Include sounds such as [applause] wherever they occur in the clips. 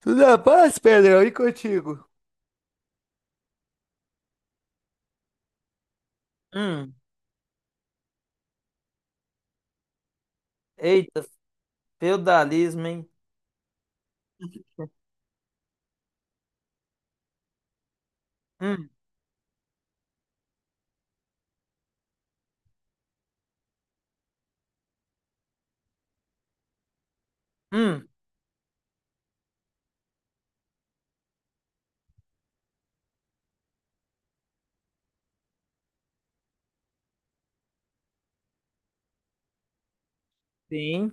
Tudo na paz, Pedrão, e contigo? Hum, eita, feudalismo, hein? Hum, hum, sim,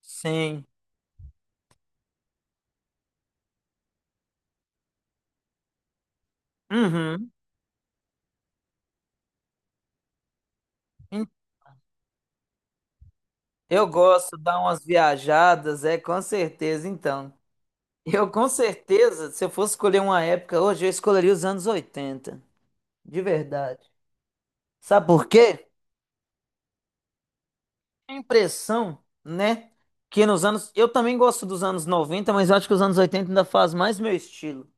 sim. Uhum. Hum. Eu gosto de dar umas viajadas, é, com certeza, então. Eu, com certeza, se eu fosse escolher uma época hoje, eu escolheria os anos 80, de verdade. Sabe por quê? A impressão, né, que nos anos. Eu também gosto dos anos 90, mas eu acho que os anos 80 ainda faz mais meu estilo.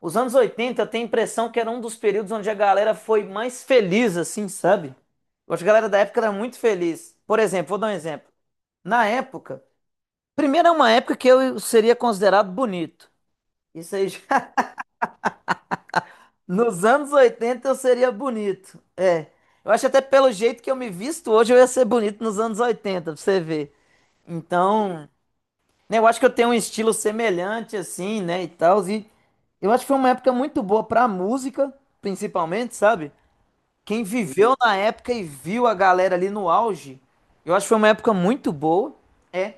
Os anos 80 eu tenho a impressão que era um dos períodos onde a galera foi mais feliz, assim, sabe? Eu acho que a galera da época era muito feliz. Por exemplo, vou dar um exemplo. Na época, primeiro é uma época que eu seria considerado bonito. Isso aí já. [laughs] Nos anos 80 eu seria bonito. É. Eu acho até pelo jeito que eu me visto hoje eu ia ser bonito nos anos 80, pra você ver. Então, né, eu acho que eu tenho um estilo semelhante, assim, né, e tal. E eu acho que foi uma época muito boa pra música, principalmente, sabe? Quem viveu na época e viu a galera ali no auge, eu acho que foi uma época muito boa. É.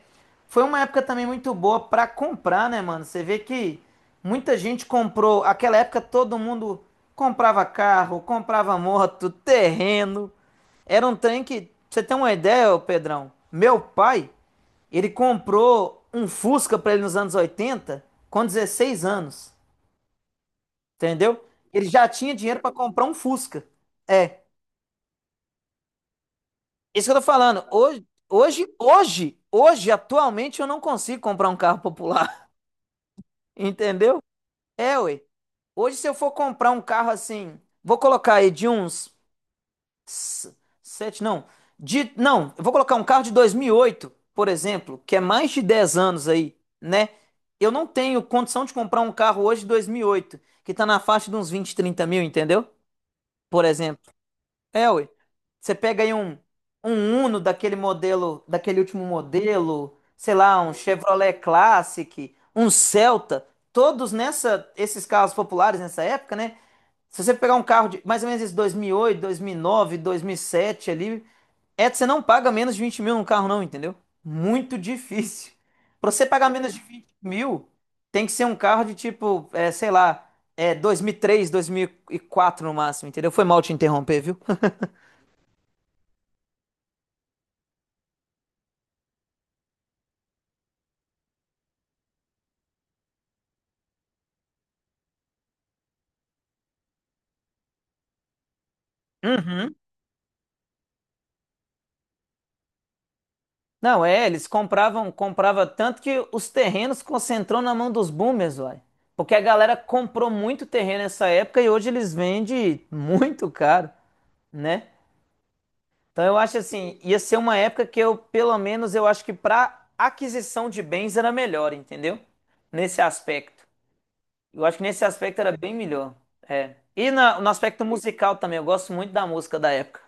Foi uma época também muito boa pra comprar, né, mano? Você vê que muita gente comprou. Aquela época todo mundo comprava carro, comprava moto, terreno. Era um trem que, pra você tem uma ideia, ô Pedrão? Meu pai, ele comprou um Fusca pra ele nos anos 80 com 16 anos, entendeu? Ele já tinha dinheiro pra comprar um Fusca. É. Isso que eu tô falando. Hoje, atualmente, eu não consigo comprar um carro popular. [laughs] Entendeu? É, ué. Hoje, se eu for comprar um carro assim, vou colocar aí de uns s- sete, não. Não, eu vou colocar um carro de 2008, por exemplo, que é mais de 10 anos aí, né? Eu não tenho condição de comprar um carro hoje de 2008 que tá na faixa de uns 20, 30 mil, entendeu? Por exemplo. É, ué. Você pega aí um Uno daquele modelo, daquele último modelo, sei lá, um Chevrolet Classic, um Celta, todos esses carros populares nessa época, né? Se você pegar um carro de mais ou menos esse 2008, 2009, 2007 ali, é, você não paga menos de 20 mil num carro não, entendeu? Muito difícil. Pra você pagar menos de 20 mil, tem que ser um carro de tipo, é, sei lá, é, 2003, 2004 no máximo, entendeu? Foi mal te interromper, viu? Uhum. Não, é, comprava tanto que os terrenos concentrou na mão dos boomers, uai. Porque a galera comprou muito terreno nessa época e hoje eles vendem muito caro, né? Então eu acho assim, ia ser uma época que eu, pelo menos, eu acho que para aquisição de bens era melhor, entendeu? Nesse aspecto. Eu acho que nesse aspecto era bem melhor. É. E no aspecto musical também, eu gosto muito da música da época.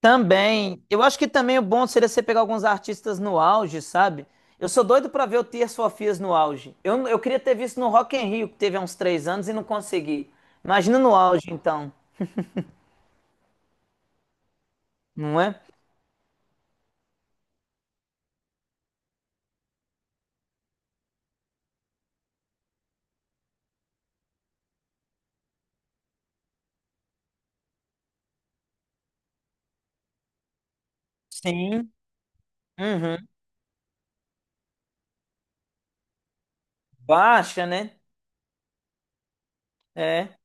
Também, eu acho que também o bom seria você pegar alguns artistas no auge, sabe? Eu sou doido pra ver o Tears for Fears no auge. Eu queria ter visto no Rock in Rio, que teve há uns 3 anos e não consegui. Imagina no auge, então, não é? Sim. Uhum. Baixa, né? É.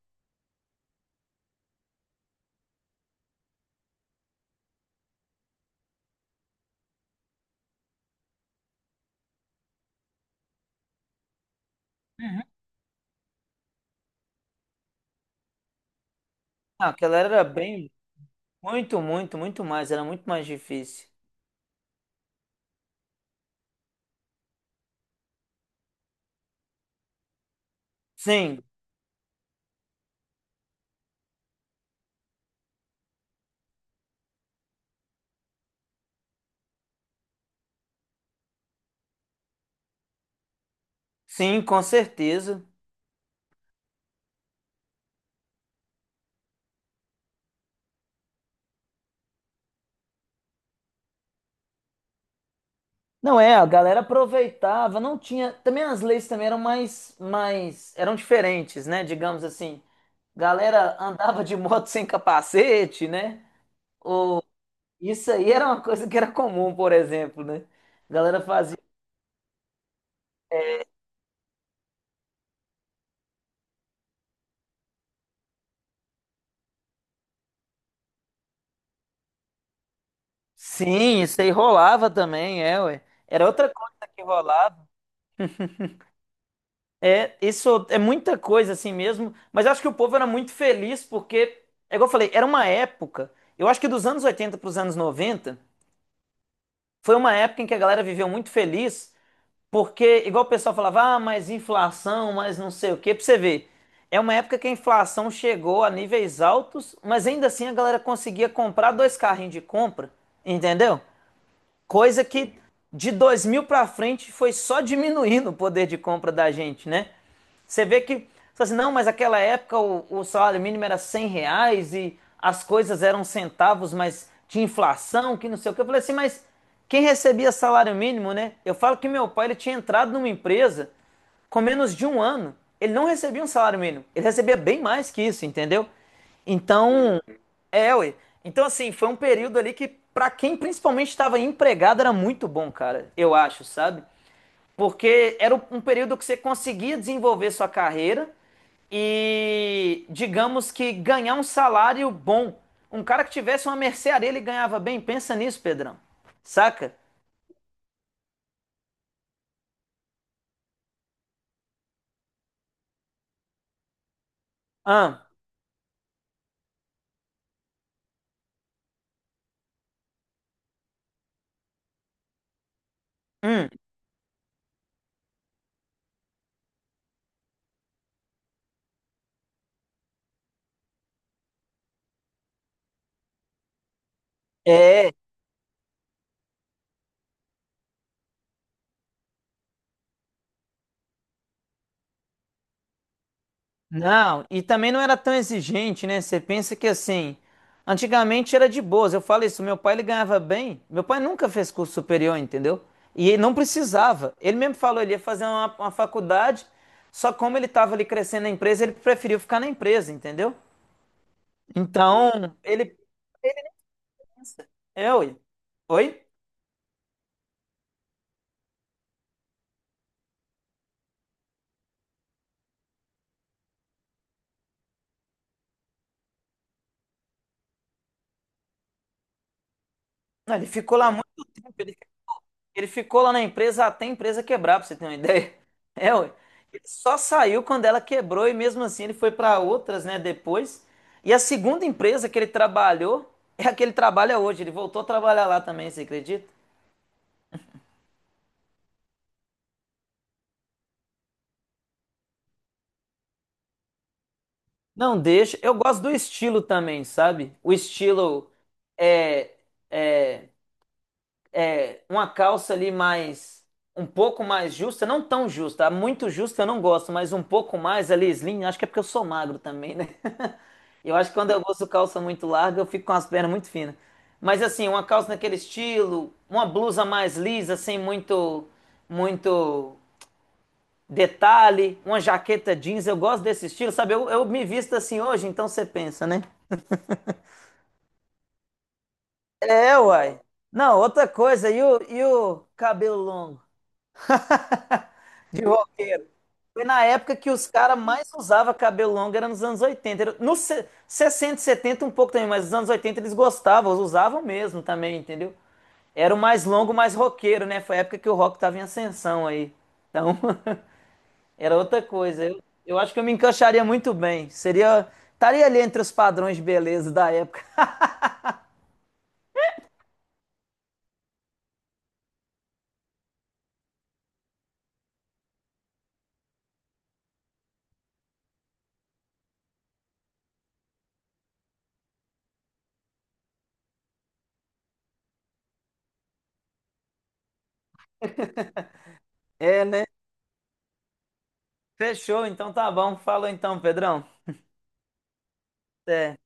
Uhum. Ah, aquela era bem, muito, muito, muito mais, era muito mais difícil. Sim, sim, com certeza. Não é, a galera aproveitava, não tinha, também as leis também eram diferentes, né? Digamos assim, galera andava de moto sem capacete, né? Isso aí era uma coisa que era comum, por exemplo, né? A galera fazia. Sim, isso aí rolava também, é, ué. Era outra coisa que rolava. É, isso é muita coisa assim mesmo, mas eu acho que o povo era muito feliz porque, é igual eu falei, era uma época, eu acho que dos anos 80 para os anos 90 foi uma época em que a galera viveu muito feliz. Porque, igual o pessoal falava, ah, mas inflação, mas não sei o quê, pra você ver. É uma época que a inflação chegou a níveis altos, mas ainda assim a galera conseguia comprar dois carrinhos de compra, entendeu? Coisa que de 2000 para frente foi só diminuindo o poder de compra da gente, né? Você vê que, você assim, não, mas aquela época o salário mínimo era R$ 100 e as coisas eram centavos, mas tinha inflação, que não sei o que. Eu falei assim, mas quem recebia salário mínimo, né? Eu falo que meu pai ele tinha entrado numa empresa com menos de um ano. Ele não recebia um salário mínimo, ele recebia bem mais que isso, entendeu? Então, é, ué. Então, assim, foi um período ali que, pra quem principalmente estava empregado, era muito bom, cara, eu acho, sabe? Porque era um período que você conseguia desenvolver sua carreira e, digamos que, ganhar um salário bom. Um cara que tivesse uma mercearia, ele ganhava bem. Pensa nisso, Pedrão. Saca? Ah, hum. Não, e também não era tão exigente, né? Você pensa que assim, antigamente era de boas. Eu falo isso, meu pai ele ganhava bem. Meu pai nunca fez curso superior, entendeu? E ele não precisava. Ele mesmo falou, ele ia fazer uma faculdade, só como ele estava ali crescendo na empresa, ele preferiu ficar na empresa, entendeu? Então, ele pensa, é, oi. Oi? Não, ele ficou lá muito tempo. Ele ficou lá na empresa até a empresa quebrar, pra você ter uma ideia. [laughs] É, ué. Ele só saiu quando ela quebrou e mesmo assim ele foi para outras, né, depois. E a segunda empresa que ele trabalhou é a que ele trabalha hoje. Ele voltou a trabalhar lá também, você acredita? Não deixa. Eu gosto do estilo também, sabe? O estilo é, é, é uma calça ali mais um pouco mais justa, não tão justa, muito justa eu não gosto, mas um pouco mais ali slim, acho que é porque eu sou magro também, né? Eu acho que quando eu uso calça muito larga, eu fico com as pernas muito finas. Mas assim, uma calça naquele estilo, uma blusa mais lisa, sem muito, muito detalhe, uma jaqueta jeans, eu gosto desse estilo, sabe? Eu me visto assim hoje, então você pensa, né? É, uai. Não, outra coisa, e o cabelo longo de roqueiro? Foi na época que os caras mais usavam cabelo longo, era nos anos 80. Era nos 60, 70 um pouco também, mas nos anos 80 eles gostavam, usavam mesmo também, entendeu? Era o mais longo, mais roqueiro, né? Foi a época que o rock tava em ascensão aí. Então, [laughs] era outra coisa. Eu acho que eu me encaixaria muito bem. Seria. Estaria ali entre os padrões de beleza da época. [laughs] É, né? Fechou, então tá bom. Falou então, Pedrão. Até.